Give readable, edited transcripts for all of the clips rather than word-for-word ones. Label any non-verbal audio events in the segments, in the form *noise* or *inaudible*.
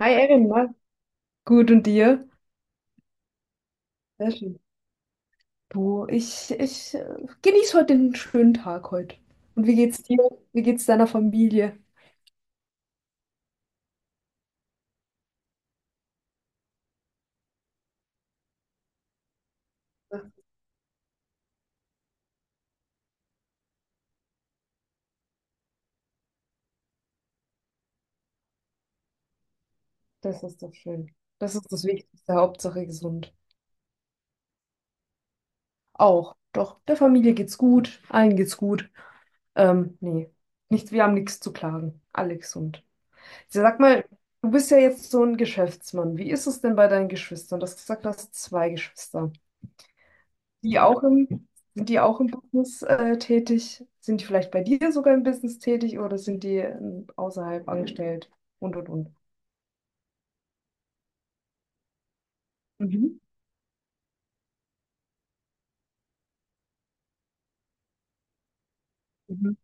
Hi Erin, na, gut, und dir? Sehr schön. Du, ich genieße heute den schönen Tag heute. Und wie geht's dir? Wie geht's deiner Familie? Ach. Das ist doch schön. Das ist das Wichtigste, Hauptsache gesund. Auch, doch, der Familie geht's gut, allen geht's gut. Nee, nicht, wir haben nichts zu klagen. Alle gesund. Sag mal, du bist ja jetzt so ein Geschäftsmann. Wie ist es denn bei deinen Geschwistern? Du hast gesagt, du hast zwei Geschwister. die auch im, Die auch im Business tätig? Sind die vielleicht bei dir sogar im Business tätig oder sind die außerhalb angestellt? Und. Mhm. Mhm.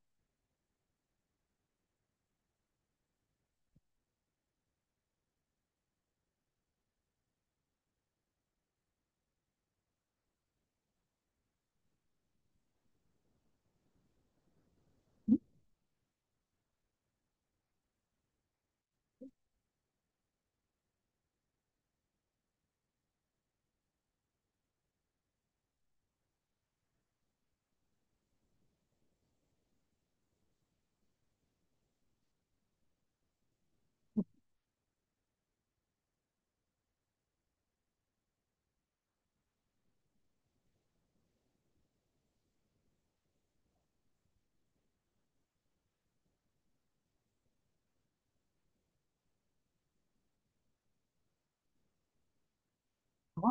Ja,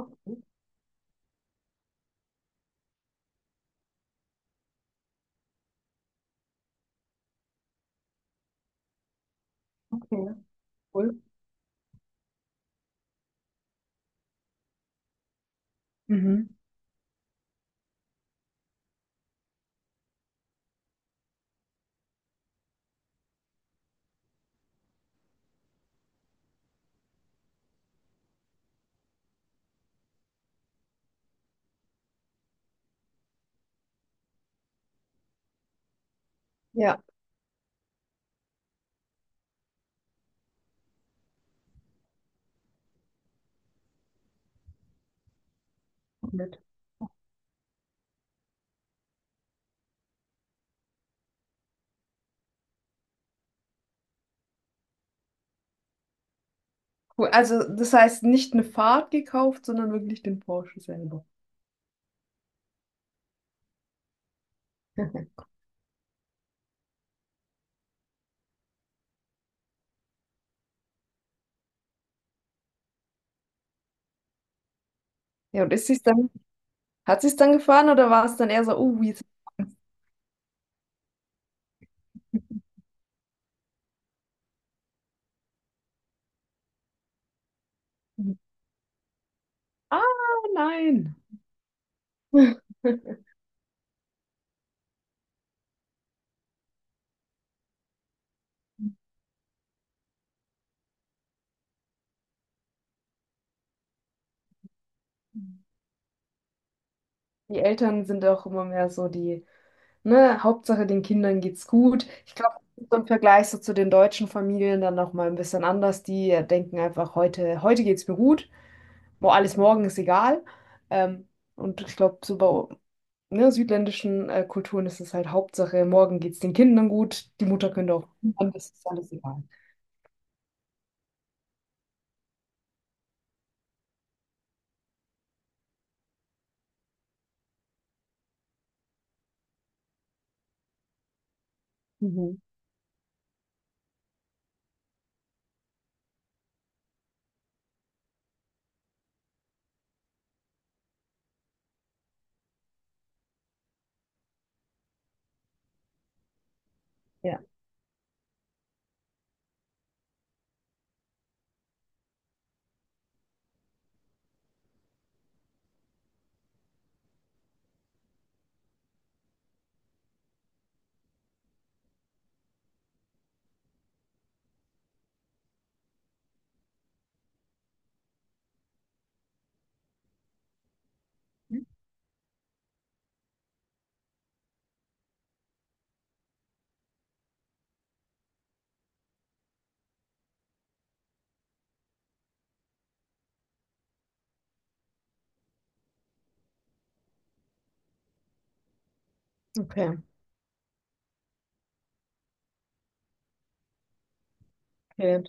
okay, cool. Mhm. Ja, nett. Cool. Also das heißt nicht eine Fahrt gekauft, sondern wirklich den Porsche selber. *laughs* Ja, und hat sie es dann gefahren oder war es dann eher so, oh, wie ist. Ah, nein. *laughs* Die Eltern sind auch immer mehr so die. Ne, Hauptsache, den Kindern geht's gut. Ich glaube, so im Vergleich so zu den deutschen Familien dann noch mal ein bisschen anders. Die denken einfach, heute, heute geht's mir gut, wo alles morgen ist egal. Ähm, und ich glaube, so bei ne, südländischen Kulturen ist es halt Hauptsache, morgen geht's den Kindern gut, die Mutter könnte auch, und das ist alles egal. Mhm. Ja. Okay. Okay.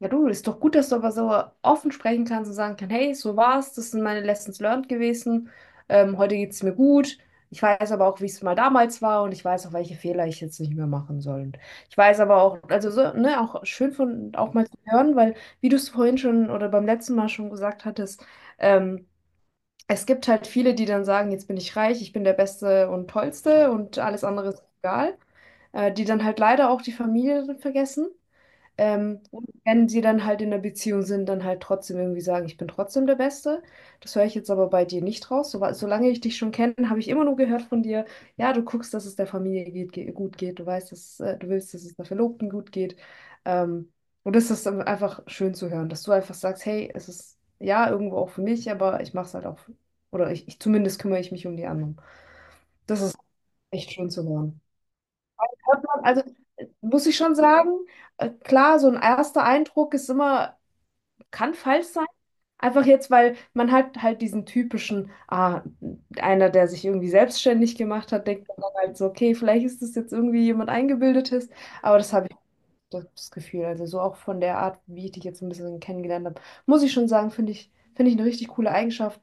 Ja, du, ist doch gut, dass du aber so offen sprechen kannst und sagen kannst, hey, so war's, das sind meine Lessons learned gewesen. Heute geht's mir gut. Ich weiß aber auch, wie es mal damals war und ich weiß auch, welche Fehler ich jetzt nicht mehr machen soll. Und ich weiß aber auch, also so, ne, auch schön von auch mal zu hören, weil wie du es vorhin schon oder beim letzten Mal schon gesagt hattest, ähm, es gibt halt viele, die dann sagen, jetzt bin ich reich, ich bin der Beste und Tollste und alles andere ist egal, die dann halt leider auch die Familie vergessen. Und wenn sie dann halt in einer Beziehung sind, dann halt trotzdem irgendwie sagen, ich bin trotzdem der Beste. Das höre ich jetzt aber bei dir nicht raus. So, solange ich dich schon kenne, habe ich immer nur gehört von dir, ja, du guckst, dass es der Familie geht, ge gut geht. Du weißt, dass du willst, dass es der Verlobten gut geht. Ähm, und das ist dann einfach schön zu hören, dass du einfach sagst, hey, es ist ja irgendwo auch für mich, aber ich mache es halt auch, oder ich zumindest kümmere ich mich um die anderen. Das ist echt schön zu hören. Also muss ich schon sagen, klar, so ein erster Eindruck ist immer, kann falsch sein. Einfach jetzt, weil man halt diesen typischen, ah, einer, der sich irgendwie selbstständig gemacht hat, denkt man dann halt so, okay, vielleicht ist das jetzt irgendwie jemand Eingebildetes, aber das habe ich das Gefühl, also so auch von der Art, wie ich dich jetzt ein bisschen kennengelernt habe, muss ich schon sagen, finde ich eine richtig coole Eigenschaft,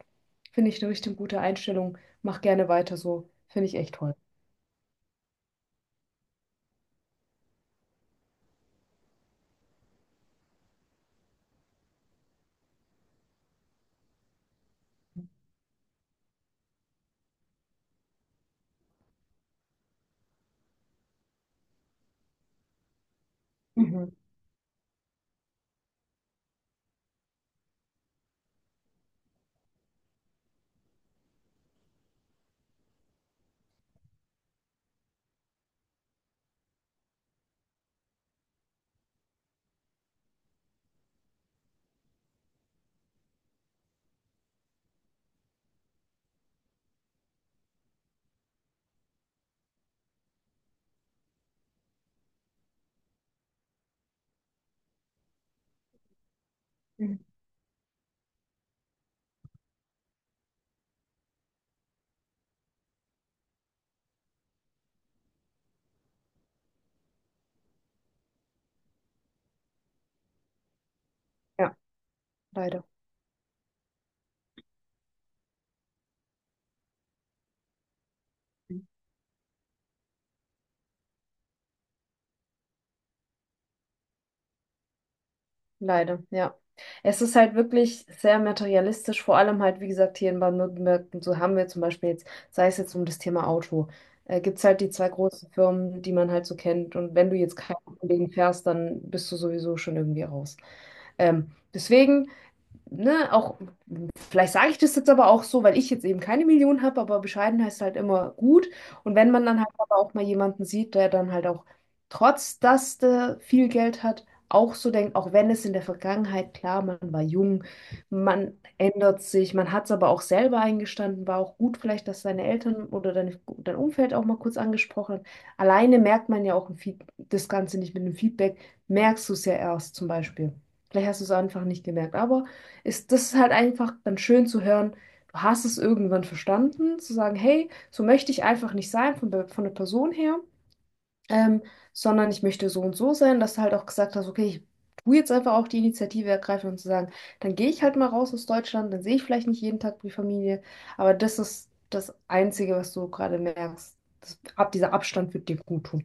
finde ich eine richtig gute Einstellung, mach gerne weiter so, finde ich echt toll. Mhm. Mhm. Ja, leider. Leider, ja. Es ist halt wirklich sehr materialistisch, vor allem halt, wie gesagt, hier in Baden-Württemberg, und so haben wir zum Beispiel jetzt, sei es jetzt um das Thema Auto, gibt es halt die zwei großen Firmen, die man halt so kennt. Und wenn du jetzt keinen Kollegen fährst, dann bist du sowieso schon irgendwie raus. Deswegen, ne, auch. Vielleicht sage ich das jetzt aber auch so, weil ich jetzt eben keine Million habe, aber bescheiden heißt halt immer gut. Und wenn man dann halt aber auch mal jemanden sieht, der dann halt auch, trotz dass der viel Geld hat, auch so denkt, auch wenn es in der Vergangenheit, klar, man war jung, man ändert sich, man hat es aber auch selber eingestanden, war auch gut vielleicht, dass deine Eltern oder dein Umfeld auch mal kurz angesprochen hat. Alleine merkt man ja auch das Ganze nicht mit einem Feedback, merkst du es ja erst zum Beispiel. Vielleicht hast du es einfach nicht gemerkt, aber ist das ist halt einfach dann schön zu hören, du hast es irgendwann verstanden, zu sagen, hey, so möchte ich einfach nicht sein von, von der Person her, ähm, sondern ich möchte so und so sein, dass du halt auch gesagt hast, okay, ich tue jetzt einfach auch die Initiative ergreifen und zu sagen, dann gehe ich halt mal raus aus Deutschland, dann sehe ich vielleicht nicht jeden Tag die Familie, aber das ist das Einzige, was du gerade merkst. Das, ab dieser Abstand wird dir gut tun.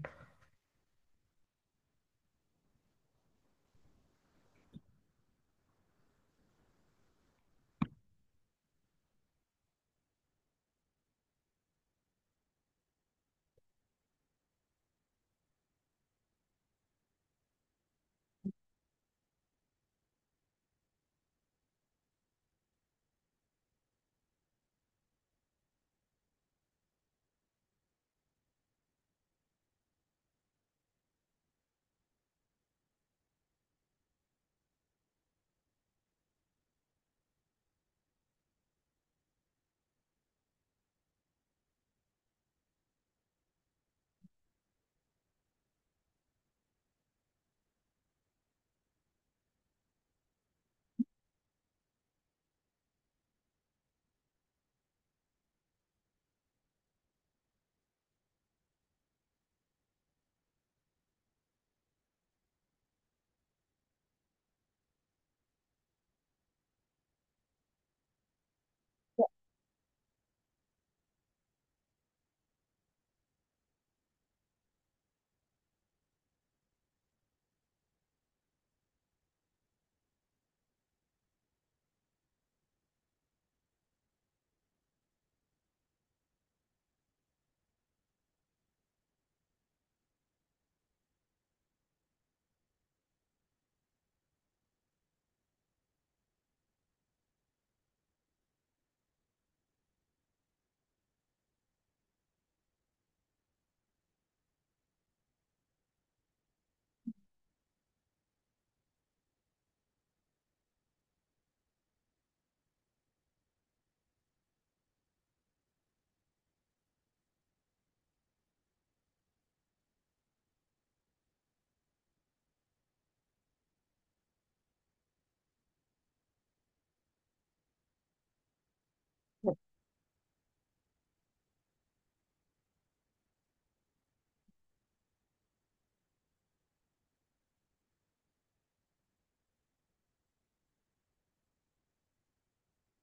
Ja,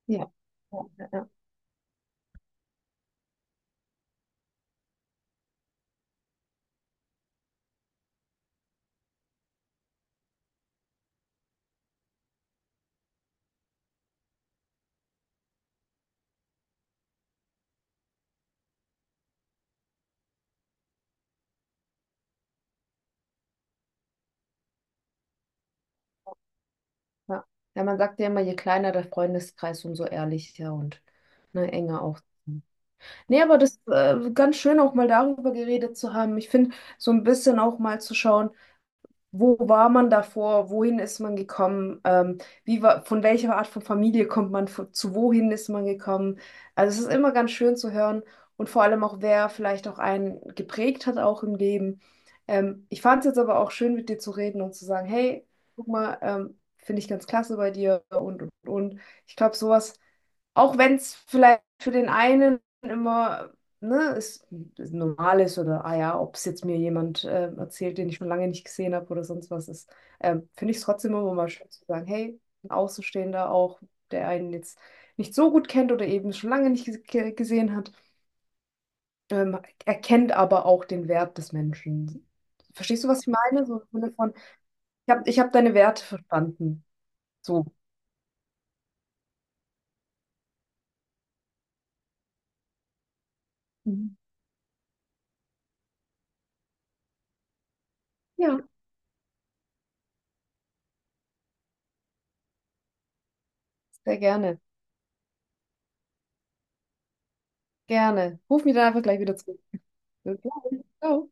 ja, ja, ja. Ja. Ja, man sagt ja immer, je kleiner der Freundeskreis, umso ehrlicher und ne, enger auch. Nee, aber das ganz schön auch mal darüber geredet zu haben. Ich finde, so ein bisschen auch mal zu schauen, wo war man davor, wohin ist man gekommen, wie war, von welcher Art von Familie kommt man, von, zu wohin ist man gekommen. Also es ist immer ganz schön zu hören und vor allem auch, wer vielleicht auch einen geprägt hat, auch im Leben. Ich fand es jetzt aber auch schön, mit dir zu reden und zu sagen, hey, guck mal, finde ich ganz klasse bei dir und. Ich glaube, sowas auch wenn es vielleicht für den einen immer, ne, ist normal ist oder, ah ja, ob es jetzt mir jemand erzählt, den ich schon lange nicht gesehen habe oder sonst was ist, finde ich es trotzdem immer mal schön zu sagen, hey, ein Außenstehender auch, der einen jetzt nicht so gut kennt oder eben schon lange nicht ges- ge gesehen hat, ähm, erkennt aber auch den Wert des Menschen. Verstehst du, was ich meine? So im Sinne von, Ich hab deine Werte verstanden. So. Mhm. Ja, sehr gerne. Gerne. Ruf mich dann einfach gleich wieder zurück. Bis gleich. Ciao.